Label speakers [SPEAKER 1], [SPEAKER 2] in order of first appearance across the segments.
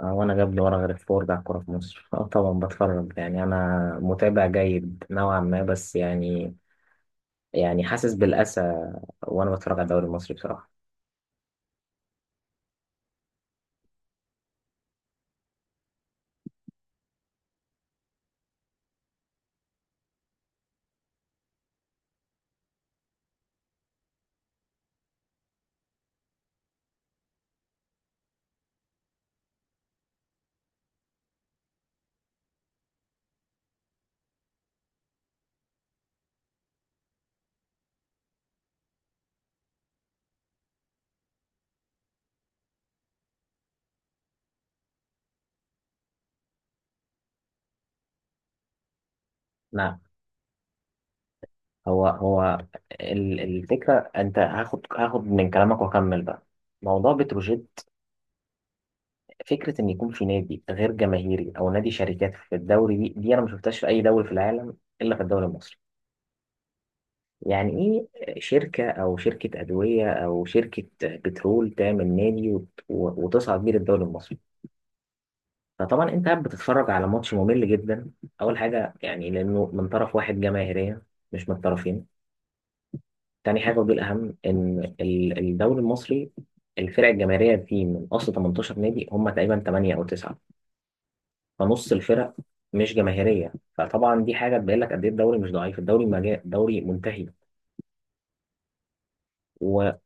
[SPEAKER 1] آه، وانا جاب لي ورا غير الفور بتاع الكوره في مصر. اه طبعا بتفرج، يعني انا متابع جيد نوعا ما، بس يعني حاسس بالاسى وانا بتفرج على الدوري المصري بصراحه. نعم. هو الفكره انت هاخد من كلامك واكمل بقى موضوع بتروجيت. فكره ان يكون في نادي غير جماهيري او نادي شركات في الدوري، دي انا ما شفتهاش في اي دوري في العالم الا في الدوري المصري. يعني إيه، شركة أو شركة أدوية أو شركة بترول تعمل نادي وتصعد بيه للدوري المصري؟ فطبعا أنت قاعد بتتفرج على ماتش ممل جدا. أول حاجة يعني، لأنه من طرف واحد جماهيرية مش من الطرفين. تاني حاجة، ودي الأهم، إن الدوري المصري الفرق الجماهيرية فيه من أصل 18 نادي، هم تقريبا 8 أو 9، فنص الفرق مش جماهيرية. فطبعا دي حاجة تبين لك قد إيه الدوري مش ضعيف، الدوري دوري منتهي. و...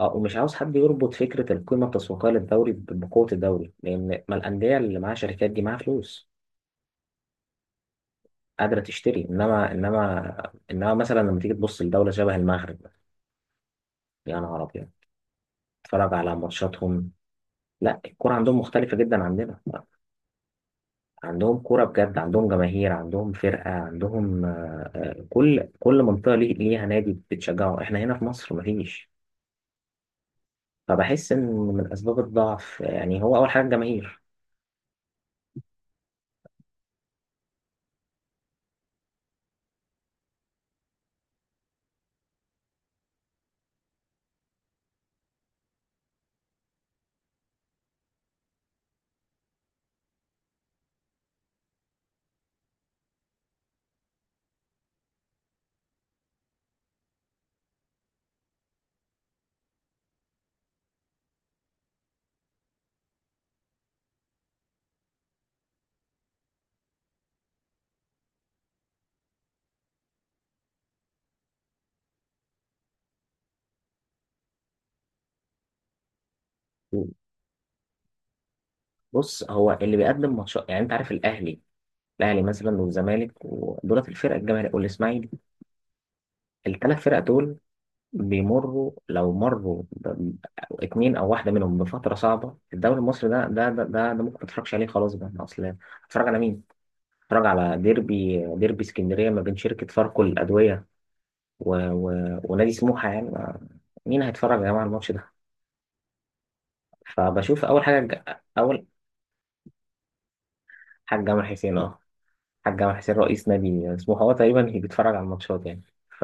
[SPEAKER 1] اه، ومش عاوز حد يربط فكرة القيمة التسويقية للدوري بقوة الدوري، لأن ما الأندية اللي معاها شركات دي معاها فلوس قادرة تشتري. إنما مثلا لما تيجي تبص لدولة شبه المغرب، يا نهار أبيض، تتفرج على ماتشاتهم، لا الكرة عندهم مختلفة جدا عندنا. عندهم كرة بجد، عندهم جماهير، عندهم فرقة، عندهم، كل منطقة ليها نادي بتشجعه. إحنا هنا في مصر مفيش. فبحس إن من أسباب الضعف يعني هو أول حاجة الجماهير. بص، هو اللي بيقدم ماتشات يعني، انت عارف الاهلي. الاهلي مثلا والزمالك ودولت الفرق الجماهيريه والاسماعيلي، الثلاث فرق دول بيمروا لو مروا اتنين او واحده منهم بفتره صعبه، الدوري المصري ده, ممكن متفرجش عليه خلاص، بقى اصل اتفرج على مين؟ اتفرج على ديربي، ديربي اسكندريه ما بين شركه فاركو للادويه و... و... ونادي سموحه، يعني مين هيتفرج يا جماعه على الماتش ده؟ فبشوف اول حاجه اول حاجه جمال حسين، اه، حاج جمال حسين رئيس نادي اسمه هو تقريبا هي بيتفرج على الماتشات يعني. ف...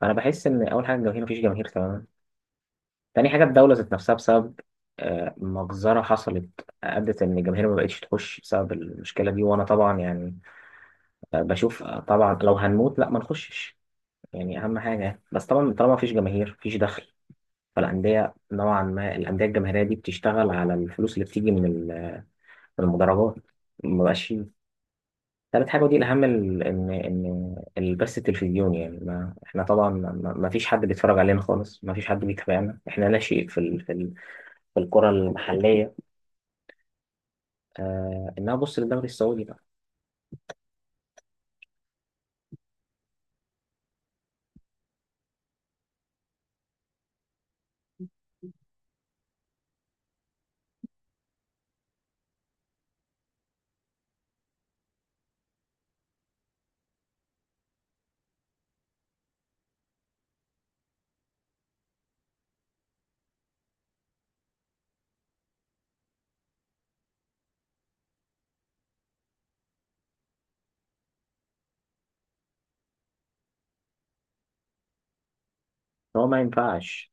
[SPEAKER 1] فانا بحس ان اول حاجه الجماهير، مفيش جماهير تماما. تاني حاجه الدوله ذات نفسها، بسبب آه، مجزره حصلت، ادت ان الجماهير ما بقتش تخش بسبب المشكله دي. وانا طبعا يعني آه، بشوف آه، طبعا لو هنموت لا ما نخشش يعني، اهم حاجه. بس طبعا طالما مفيش جماهير مفيش دخل، فالانديه نوعا ما الانديه الجماهيريه دي بتشتغل على الفلوس اللي بتيجي من من المدرجات، ما بقاش. ثالث حاجة ودي الأهم إن البث التلفزيوني، يعني ما إحنا طبعا ما فيش حد بيتفرج علينا خالص، ما فيش حد بيتابعنا، إحنا لا شيء في الكرة المحلية. آه، إنها بص للدوري السعودي بقى. هو ما ينفعش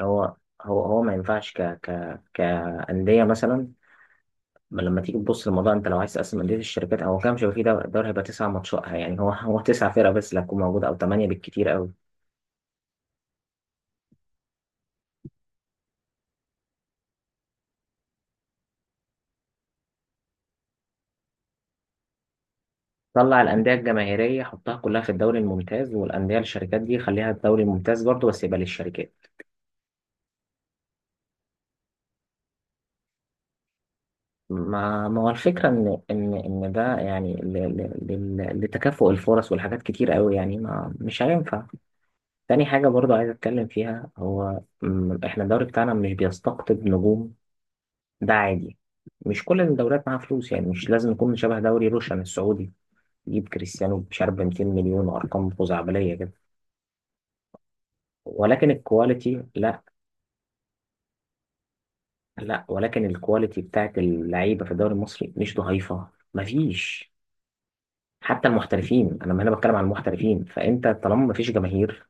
[SPEAKER 1] هو هو ما ينفعش ك كأندية مثلا. ما لما تيجي تبص للموضوع، أنت لو عايز تقسم أندية الشركات أو كام شبكة في دوري، دوري هيبقى تسع ماتشات يعني، هو تسع فرق بس اللي هتكون موجودة، أو ثمانية بالكتير أوي. طلع الأندية الجماهيرية حطها كلها في الدوري الممتاز، والأندية الشركات دي خليها الدوري الممتاز برضه بس يبقى للشركات. ما هو الفكرة إن إن ده يعني لتكافؤ الفرص، والحاجات كتير قوي يعني ما مش هينفع. تاني حاجة برضه عايز أتكلم فيها، هو م، إحنا الدوري بتاعنا مش بيستقطب نجوم. ده عادي، مش كل الدوريات معاها فلوس يعني، مش لازم نكون شبه دوري روشن السعودي يجيب كريستيانو مش عارف ب 200 مليون وأرقام خزعبلية كده. ولكن الكواليتي لا. لا، ولكن الكواليتي بتاعت اللعيبه في الدوري المصري مش ضعيفه. مفيش. حتى المحترفين، انا هنا بتكلم عن المحترفين، فانت طالما مفيش جماهير،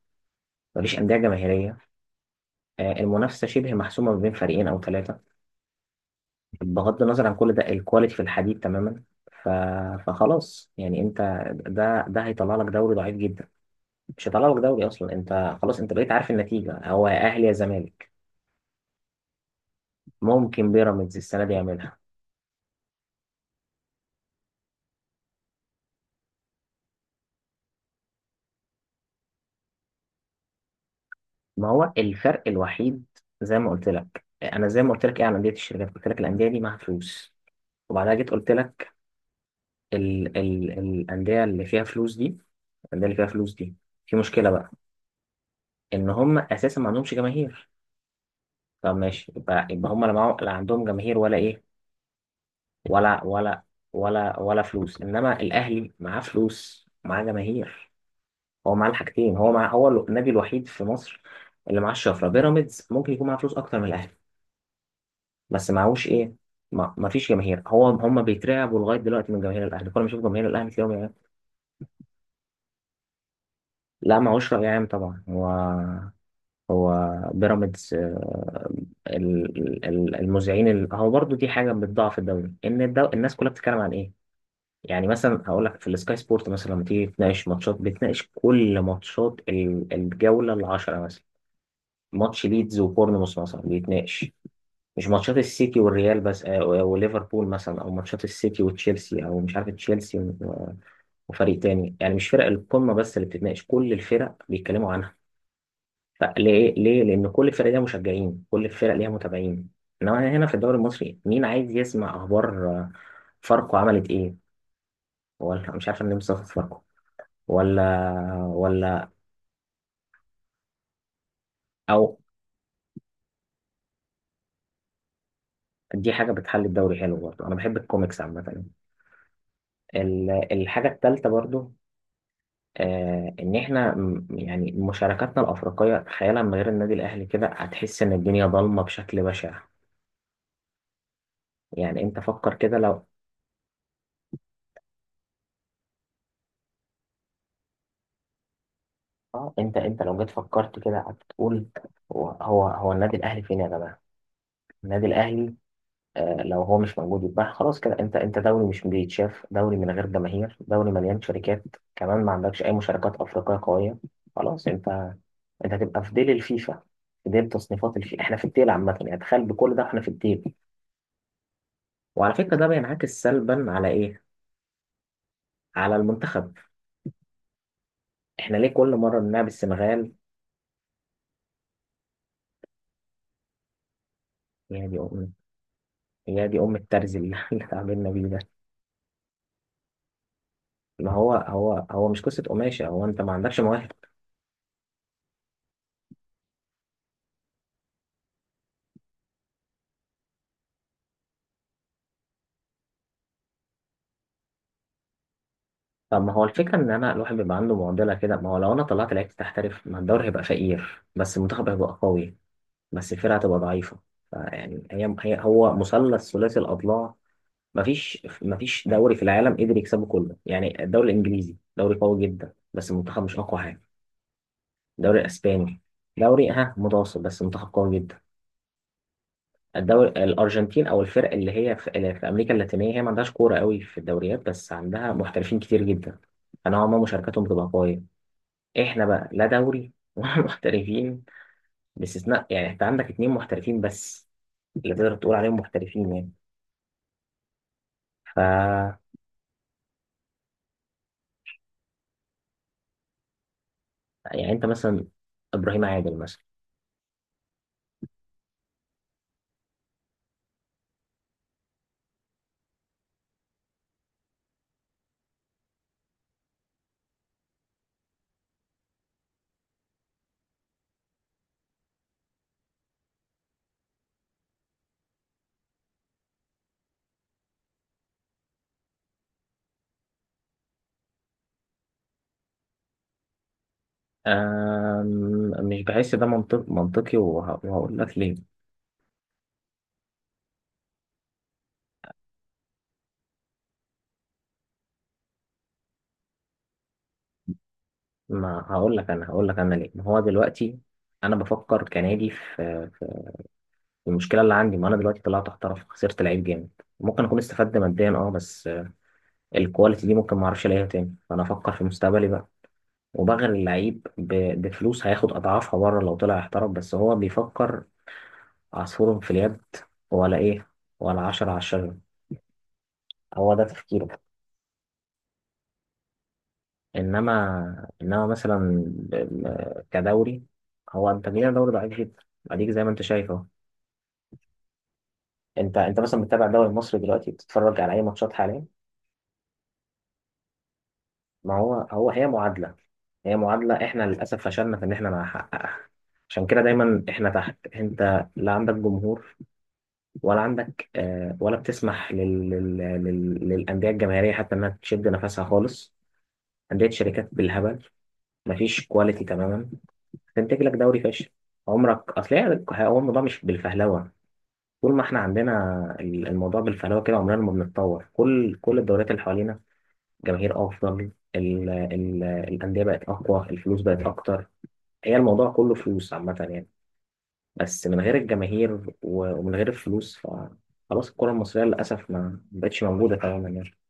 [SPEAKER 1] مفيش انديه جماهيريه، آه، المنافسه شبه محسومه ما بين فريقين او ثلاثه، بغض النظر عن كل ده الكواليتي في الحديد تماما. ف... فخلاص يعني انت، ده هيطلع لك دوري ضعيف جدا، مش هيطلع لك دوري اصلا. انت خلاص، انت بقيت عارف النتيجه، هو يا اهلي يا زمالك، ممكن بيراميدز السنه دي يعملها. ما هو الفرق الوحيد، زي ما قلت لك انا، زي ما قلت لك ايه عن انديه الشركات، قلت لك الانديه دي معاها فلوس، وبعدها جيت قلت لك ال الانديه اللي فيها فلوس دي، الانديه اللي فيها فلوس دي في مشكله بقى، ان هم اساسا ما عندهمش جماهير. طب ماشي، يبقى هم لا لا عندهم جماهير ولا ايه، ولا ولا ولا فلوس، انما الاهلي معاه فلوس معاه جماهير. هو معاه الحاجتين، هو النادي الوحيد في مصر اللي معاه الشفره. بيراميدز ممكن يكون معاه فلوس اكتر من الاهلي، بس معهوش ايه، ما فيش جماهير. هو هم بيترعبوا لغايه دلوقتي من جماهير الاهلي، كل ما اشوف جماهير الاهلي تلاقيهم يعني. لا معهوش راي عام طبعا، هو، هو بيراميدز آه، المذيعين، هو برضو دي حاجه بتضعف الدوري، ان الناس كلها بتتكلم عن ايه. يعني مثلا هقول لك في السكاي سبورت مثلا، لما تيجي تناقش ماتشات بتناقش كل ماتشات الجوله العشرة مثلا، ماتش ليدز وبورنموث مثلا بيتناقش، مش ماتشات السيتي والريال بس آه، وليفربول مثلا، او ماتشات السيتي وتشيلسي، او مش عارف تشيلسي وفريق تاني يعني، مش فرق القمه بس اللي بتتناقش، كل الفرق بيتكلموا عنها. فليه؟ ليه لان كل الفرق ليها مشجعين، كل الفرق ليها متابعين. انما هنا في الدوري المصري مين عايز يسمع اخبار آه، فاركو عملت ايه، ولا مش عارف النمسا خسرت فاركو، ولا ولا او دي حاجه بتحل الدوري حلو برضه، انا بحب الكوميكس عامه. الحاجه الثالثه برضو آه، ان احنا يعني مشاركاتنا الافريقيه تخيلها من غير النادي الاهلي، كده هتحس ان الدنيا ضلمه بشكل بشع. يعني انت فكر كده لو اه، انت لو جيت فكرت كده هتقول، هو النادي الاهلي فين يا جماعه، النادي الاهلي آه، لو هو مش موجود يبقى خلاص كده. انت دوري مش بيتشاف، دوري من غير جماهير، دوري مليان شركات، كمان ما عندكش اي مشاركات افريقيه قويه، خلاص انت، انت هتبقى في ديل الفيفا، في ديل تصنيفات الفيفا. احنا في الديل عامه يعني، تخيل بكل ده احنا في الديل. وعلى فكرة ده بينعكس سلبا على إيه؟ على المنتخب. إحنا ليه كل مرة بنلعب السنغال؟ يا دي أم، يا دي أم، الترز اللي اللي اتعاملنا بيه ده. ما هو هو مش قصة قماشة، هو أنت ما عندكش مواهب. طب ما هو الفكرة إن أنا الواحد بيبقى عنده معضلة كده، ما هو لو أنا طلعت لعيبة تحترف ما الدوري هيبقى فقير، بس المنتخب هيبقى قوي، بس الفرقة هتبقى ضعيفة. فيعني هي هو مثلث ثلاثي الأضلاع، مفيش دوري في العالم قدر يكسبه كله، يعني الدوري الإنجليزي دوري قوي جدا بس المنتخب مش أقوى حاجة. الدوري الاسباني دوري ها متوسط بس منتخب قوي جدا. الدوري الارجنتين، او الفرق اللي هي اللي في امريكا اللاتينيه، هي ما عندهاش كوره قوي في الدوريات بس عندها محترفين كتير جدا، فنوعا ما مشاركتهم بتبقى قويه. احنا بقى لا دوري ولا محترفين، باستثناء يعني، انت عندك اتنين محترفين بس اللي تقدر تقول عليهم محترفين يعني. ف، يعني انت مثلا ابراهيم عادل مثلا. مش بحس ده منطق منطقي، وهقول لك ليه. ما هقول لك انا ليه. ما هو دلوقتي انا بفكر كنادي في، في المشكله اللي عندي، ما انا دلوقتي طلعت احترف خسرت لعيب جامد، ممكن اكون استفدت ماديا اه، بس الكواليتي دي ممكن ما اعرفش الاقيها تاني، فانا افكر في مستقبلي بقى. وبغير اللعيب بفلوس هياخد اضعافها بره لو طلع احترف، بس هو بيفكر عصفور في اليد ولا ايه، ولا عشرة على الشجرة، هو ده تفكيره. انما مثلا كدوري، هو انت جينا دوري ضعيف جدا، اديك زي ما انت شايف. انت مثلا بتتابع الدوري المصري دلوقتي، بتتفرج على اي ماتشات حاليا؟ ما هو هي معادله، احنا للاسف فشلنا في ان احنا نحققها، عشان كده دايما احنا تحت. انت لا عندك جمهور، ولا عندك آه، ولا بتسمح للانديه الجماهيريه حتى انها تشد نفسها خالص، انديه شركات بالهبل، مفيش كواليتي تماما، تنتج لك دوري فاشل. عمرك، اصل هو الموضوع مش بالفهلوه، طول ما احنا عندنا الموضوع بالفهلوه كده عمرنا ما بنتطور. كل الدوريات اللي حوالينا، جماهير افضل، ال الانديه بقت اقوى، الفلوس بقت اكتر، هي الموضوع كله فلوس عامه يعني، بس من غير الجماهير ومن غير الفلوس فخلاص الكره المصريه للاسف ما بقتش موجوده تماما يعني.